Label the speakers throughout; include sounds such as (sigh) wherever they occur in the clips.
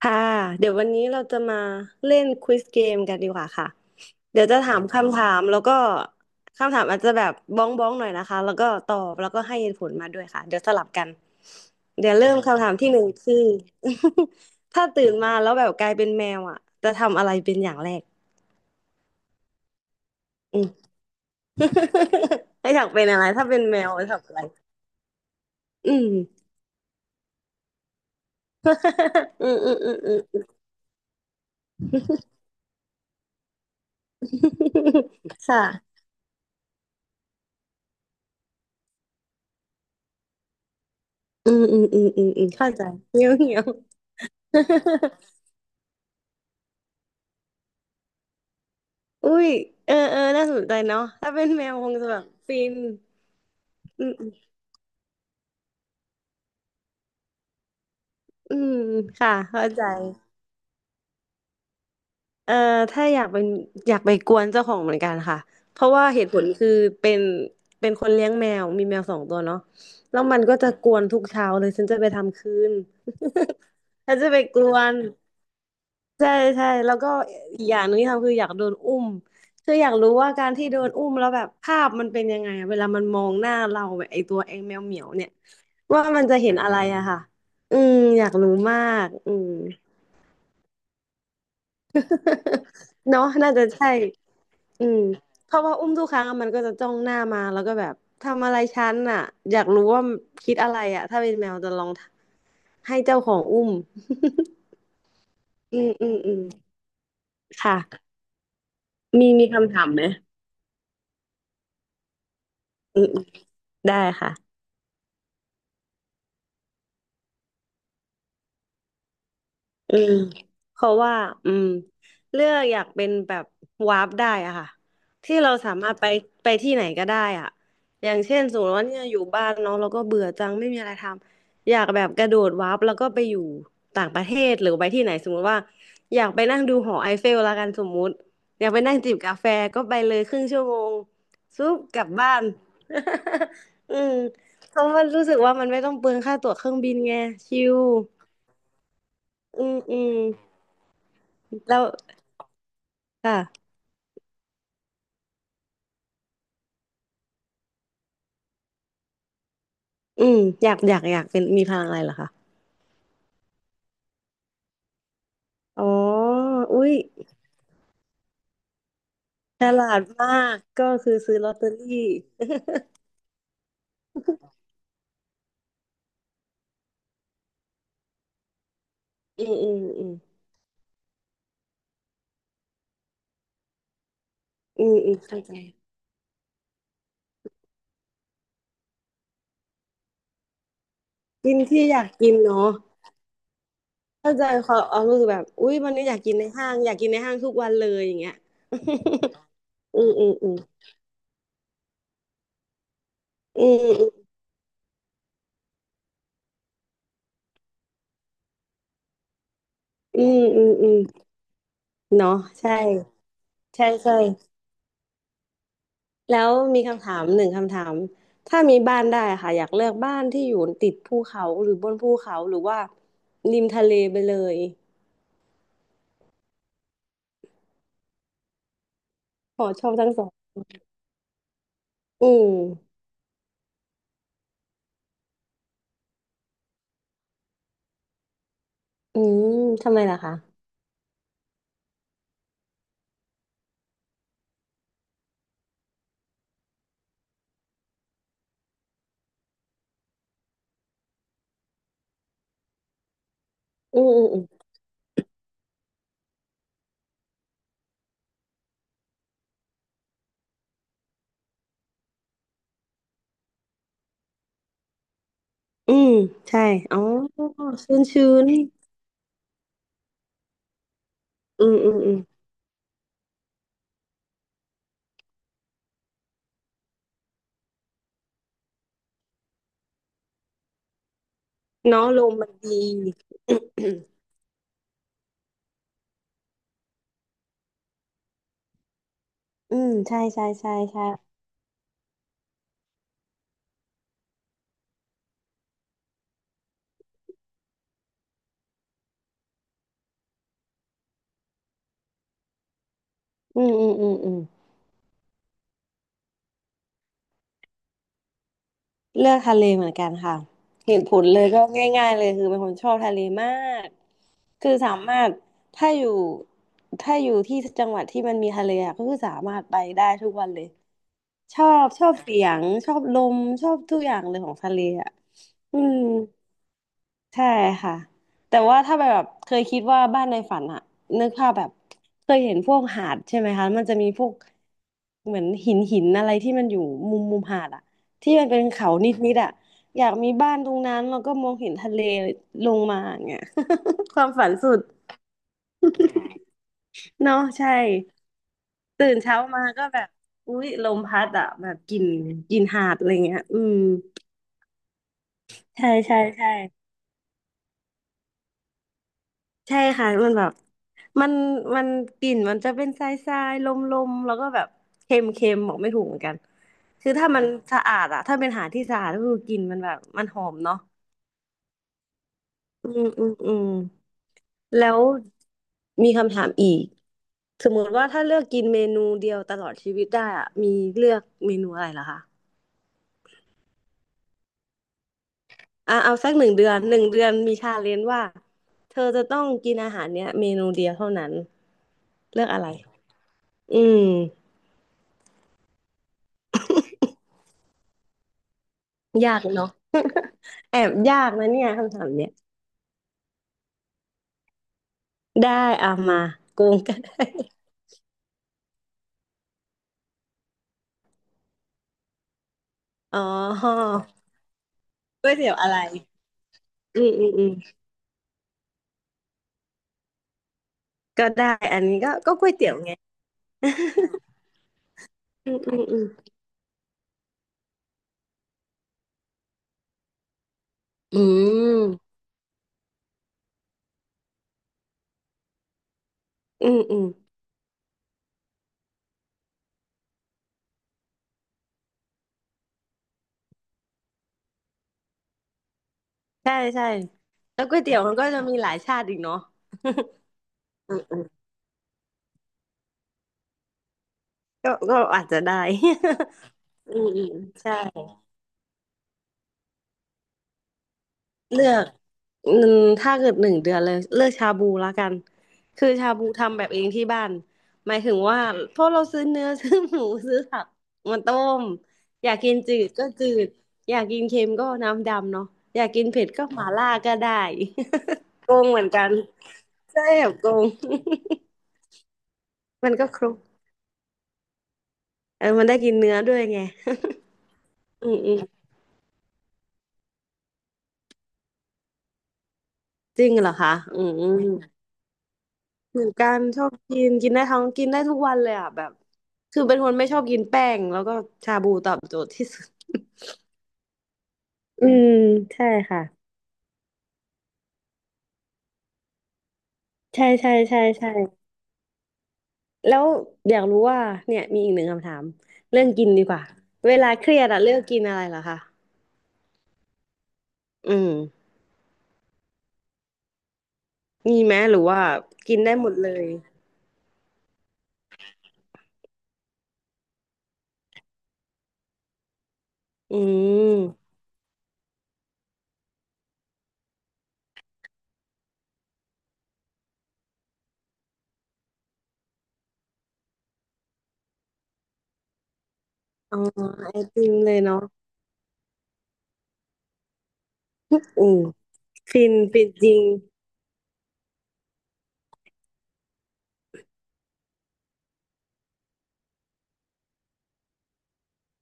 Speaker 1: ค่ะเดี๋ยววันนี้เราจะมาเล่นควิสเกมกันดีกว่าค่ะเดี๋ยวจะถามคำถามแล้วก็คำถามอาจจะแบบบ้องบ้องหน่อยนะคะแล้วก็ตอบแล้วก็ให้เหตุผลมาด้วยค่ะเดี๋ยวสลับกันเดี๋ยวเริ่มคำถามที่หนึ่งคือ (laughs) ถ้าตื่นมาแล้วแบบกลายเป็นแมวอ่ะจะทำอะไรเป็นอย่างแรกอืม (laughs) ถ้าอยากเป็นอะไรถ้าเป็นแมวจะทำอะไรอืม (laughs) อืมอืมอืมอืม (laughs) ค่ะอืมอืมอืมอืมอืมเข้าใจเงี้ยวเงี้ยว อุ้ยเออเออน่าสนใจเนาะถ้าเป็นแมวคงจะแบบฟินอืมอืมค่ะเข้าใจเอ่อถ้าอยากเป็นอยากไปกวนเจ้าของเหมือนกันค่ะเพราะว่าเหตุผลคือเป็นเป็นคนเลี้ยงแมวมีแมวสองตัวเนาะแล้วมันก็จะกวนทุกเช้าเลยฉันจะไปทำคืน (laughs) ฉันจะไปกวนใช่ใช่แล้วก็อีกอย่างหนึงที่ทำคืออยากโดนอุ้มคืออยากรู้ว่าการที่โดนอุ้มแล้วแบบภาพมันเป็นยังไงอะเวลามันมองหน้าเราแบบไอตัวไอแมวเหมียวเนี่ย ว่ามันจะเห็นอะไรอะค่ะอืมอยากรู้มากอืม (laughs) เนาะน่าจะใช่อืมเพราะว่าอุ้มทุกครั้งอะมันก็จะจ้องหน้ามา แล้วก็แบบทำอะไรฉันอะอยากรู้ว่าคิดอะไรอะถ้าเป็นแมวจะลองให้เจ้าของอุ้ม (laughs) อืมอืมอืมค่ะ มีคำถามไหมอืมอืมได้ค่ะ อืมเพราะว่าอืมเลือกอยากเป็นแบบวาร์ปได้อะค่ะที่เราสามารถไปไปที่ไหนก็ได้อะอย่างเช่นสมมติว่าเนี่ยอยู่บ้านเนาะเราก็เบื่อจังไม่มีอะไรทำอยากแบบกระโดดวาร์ปแล้วก็ไปอยู่ต่างประเทศหรือไปที่ไหนสมมุติว่าอยากไปนั่งดูหอไอเฟลละกันสมมุติอยากไปนั่งจิบกาแฟก็ไปเลยครึ่งชั่วโมงซุบกลับบ้าน (laughs) อืมเพราะว่ารู้สึกว่ามันไม่ต้องเปลืองค่าตั๋วเครื่องบินไงชิลอืมอืม แล้วค่ะอืมอยากอยากอยากเป็นมีพลังอะไรเหรอคะอ๋ออุ๊ยฉลาดมากก็คือซื้อลอตเตอรี่อืมอืมอืมอืมอืมเข้าใจกินที่อยากกินเนาะเข้าใจความเอารู้สึกแบบอุ๊ยวันนี้อยากกินในห้างอยากกินในห้างทุกวันเลยอย่างเงี้ย (laughs) อืมอืมอืมอืมอืมอืมอืมอืมเนาะใช่ใช่ใช่ แล้วมีคำถามหนึ่งคำถามถ้ามีบ้านได้ค่ะอยากเลือกบ้านที่อยู่ติดภูเขาหรือบนภูเขาหรือว่าริมทะเลไปเลยขอชอบทั้งสองอืมอืมทำไมล่ะคะอืมอืมอืมอืมใช่อ๋อชื้นชื้นอืมอืมอืมเนาะลมมันดี (coughs) อืมอืมใช่ใช่ใช่ใช่อืมอืมอืมอืมเลือกทะเลเหมือนกันค่ะเหตุผลเลยก็ง่ายๆเลยคือเป็นคนชอบทะเลมาก คือสามารถถ้าอยู่ถ้าอยู่ที่จังหวัดที่มันมีทะเลอะก็คือสามารถไปได้ทุกวันเลยชอบชอบเสียงชอบลมชอบทุกอย่างเลยของทะเลอ่ะอืมใช่ค่ะแต่ว่าถ้าไปแบบเคยคิดว่าบ้านในฝันอะนึกภาพแบบเคยเห็นพวกหาดใช่ไหมคะมันจะมีพวกเหมือนหินหินอะไรที่มันอยู่มุมมุมหาดอะที่มันเป็นเขานิดนิดอะอยากมีบ้านตรงนั้นแล้วก็มองเห็นทะเลลงมาอย่างเงี้ย (laughs) ความฝันสุด เนาะใช่ตื่นเช้ามาก็แบบอุ๊ยลมพัดอ่ะแบบกลิ่นกลิ่นหาดอะไรเงี้ยอืมใช่ใช่ใช่ใช่ค่ะมันแบบมันมันกลิ่นมันจะเป็นทรายทรายลมลมๆแล้วก็แบบเค็มเค็มบอกไม่ถูกเหมือนกันคือถ้ามันสะอาดอะถ้าเป็นหาดที่สะอาดก็คือกลิ่นมันแบบมันหอมเนาะอืมอืมอืมแล้วมีคำถามอีกสมมติว่าถ้าเลือกกินเมนูเดียวตลอดชีวิตได้อ่ะมีเลือกเมนูอะไรเหรอคะ อ่ะเอาสักหนึ่งเดือนหนึ่งเดือนมีชาเลนจ์ว่าเธอจะต้องกินอาหารเนี้ยเมนูเดียวเท่านั้นเลือกอะไรอืมยากเนาะ (laughs) แอบยากนะเนี่ยคำถามเนี้ยได้อ่ะมาโกงก็ได้ (laughs) อ๋อก๋วยเตี๋ยวอะไรอืมอืมอืมก็ได้อันนี้ก็ก๋วยเตี๋ยวไง (laughs) อืมอืมอืมอืมอืมอืมใช่ใช่แล้วก๋วยเตี๋ยวมันก็จะมีหลายชาติอีกเนาะอืมอืมก็อาจจะได้ (laughs) อืมอืมใช่ เลือกอืมถ้าเกิดหนึ่งเดือนเลยเลือกชาบูละกันคือชาบูทำแบบเองที่บ้านหมายถึงว่าเพราะเราซื้อเนื้อ (laughs) ซื้อหมูซื้อผักมาต้มอยากกินจืดก็จืดอยากกินเค็มก็น้ำดำเนาะอยากกินเผ็ดก็หม่าล่าก็ได้ (laughs) โกงเหมือนกันใช่แบบโกง (laughs) มันก็ครบเออมันได้กินเนื้อด้วยไง (laughs) อืมอืมจริงเหรอคะอืม เหมือนกันชอบกินกินได้ทั้งกินได้ทุกวันเลยอ่ะแบบคือเป็นคนไม่ชอบกินแป้งแล้วก็ชาบูตอบโจทย์ที่สุดอืมใช่ค่ะใช่ใช่ใช่ใช่แล้วอยากรู้ว่าเนี่ยมีอีกหนึ่งคำถามเรื่องกินดีกว่าเวลาเครียดอะเลือกกินอะไรเหรอคะอืมมีไหมหรือว่ากินได้หมดเลยอืมอ๋อไอติมเลยเนาะอืมฟินฟินจริง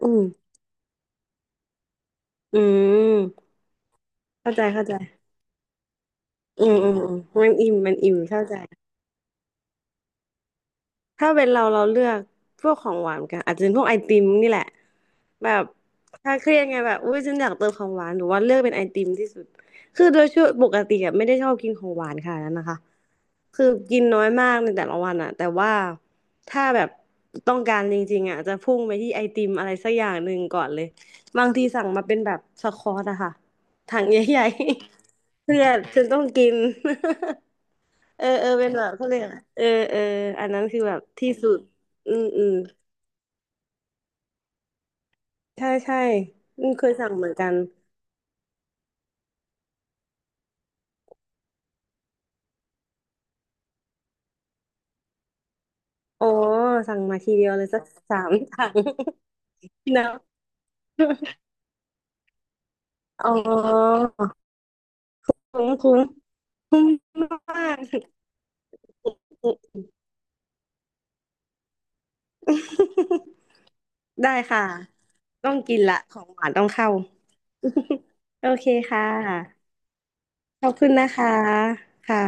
Speaker 1: อืมอืมเข้าใจเข้าใจอืมอืมอืมมันอิ่มมันอิ่มเข้าใจ ถ้าเป็นเราเราเลือกพวกของหวานกันอาจจะเป็นพวกไอติมนี่แหละแบบถ้าเครียดไงแบบอุ้ยฉันอยากเติมของหวานหรือว่าเลือกเป็นไอติมที่สุดคือโดยช่วงปกติอะไม่ได้ชอบกินของหวานค่ะนาดนั้นนะคะคือกินน้อยมากในแต่ละวันอะแต่ว่าถ้าแบบต้องการจริงๆอะจะพุ่งไปที่ไอติมอะไรสักอย่างหนึ่งก่อนเลยบางทีสั่งมาเป็นแบบสควอตอะค่ะถังใหญ่ๆ (laughs) เพื่อนฉันต้องกิน เออเออเป็นแบบเขาเรียกอะไรเออเอออันนั้นคือแบบที่สุด อืมอืมใช่ใช่อืมเคยสั่งเหมือนกันอ๋อสั่งมาทีเดียวเลยสักสามถัง (laughs) นะอ๋อคุ้มคุ้มคุ้มมาก (laughs) ได้ค่ะต้องกินละของหวานต้องเข้า (laughs) โอเคค่ะขอบคุณนะคะค่ะ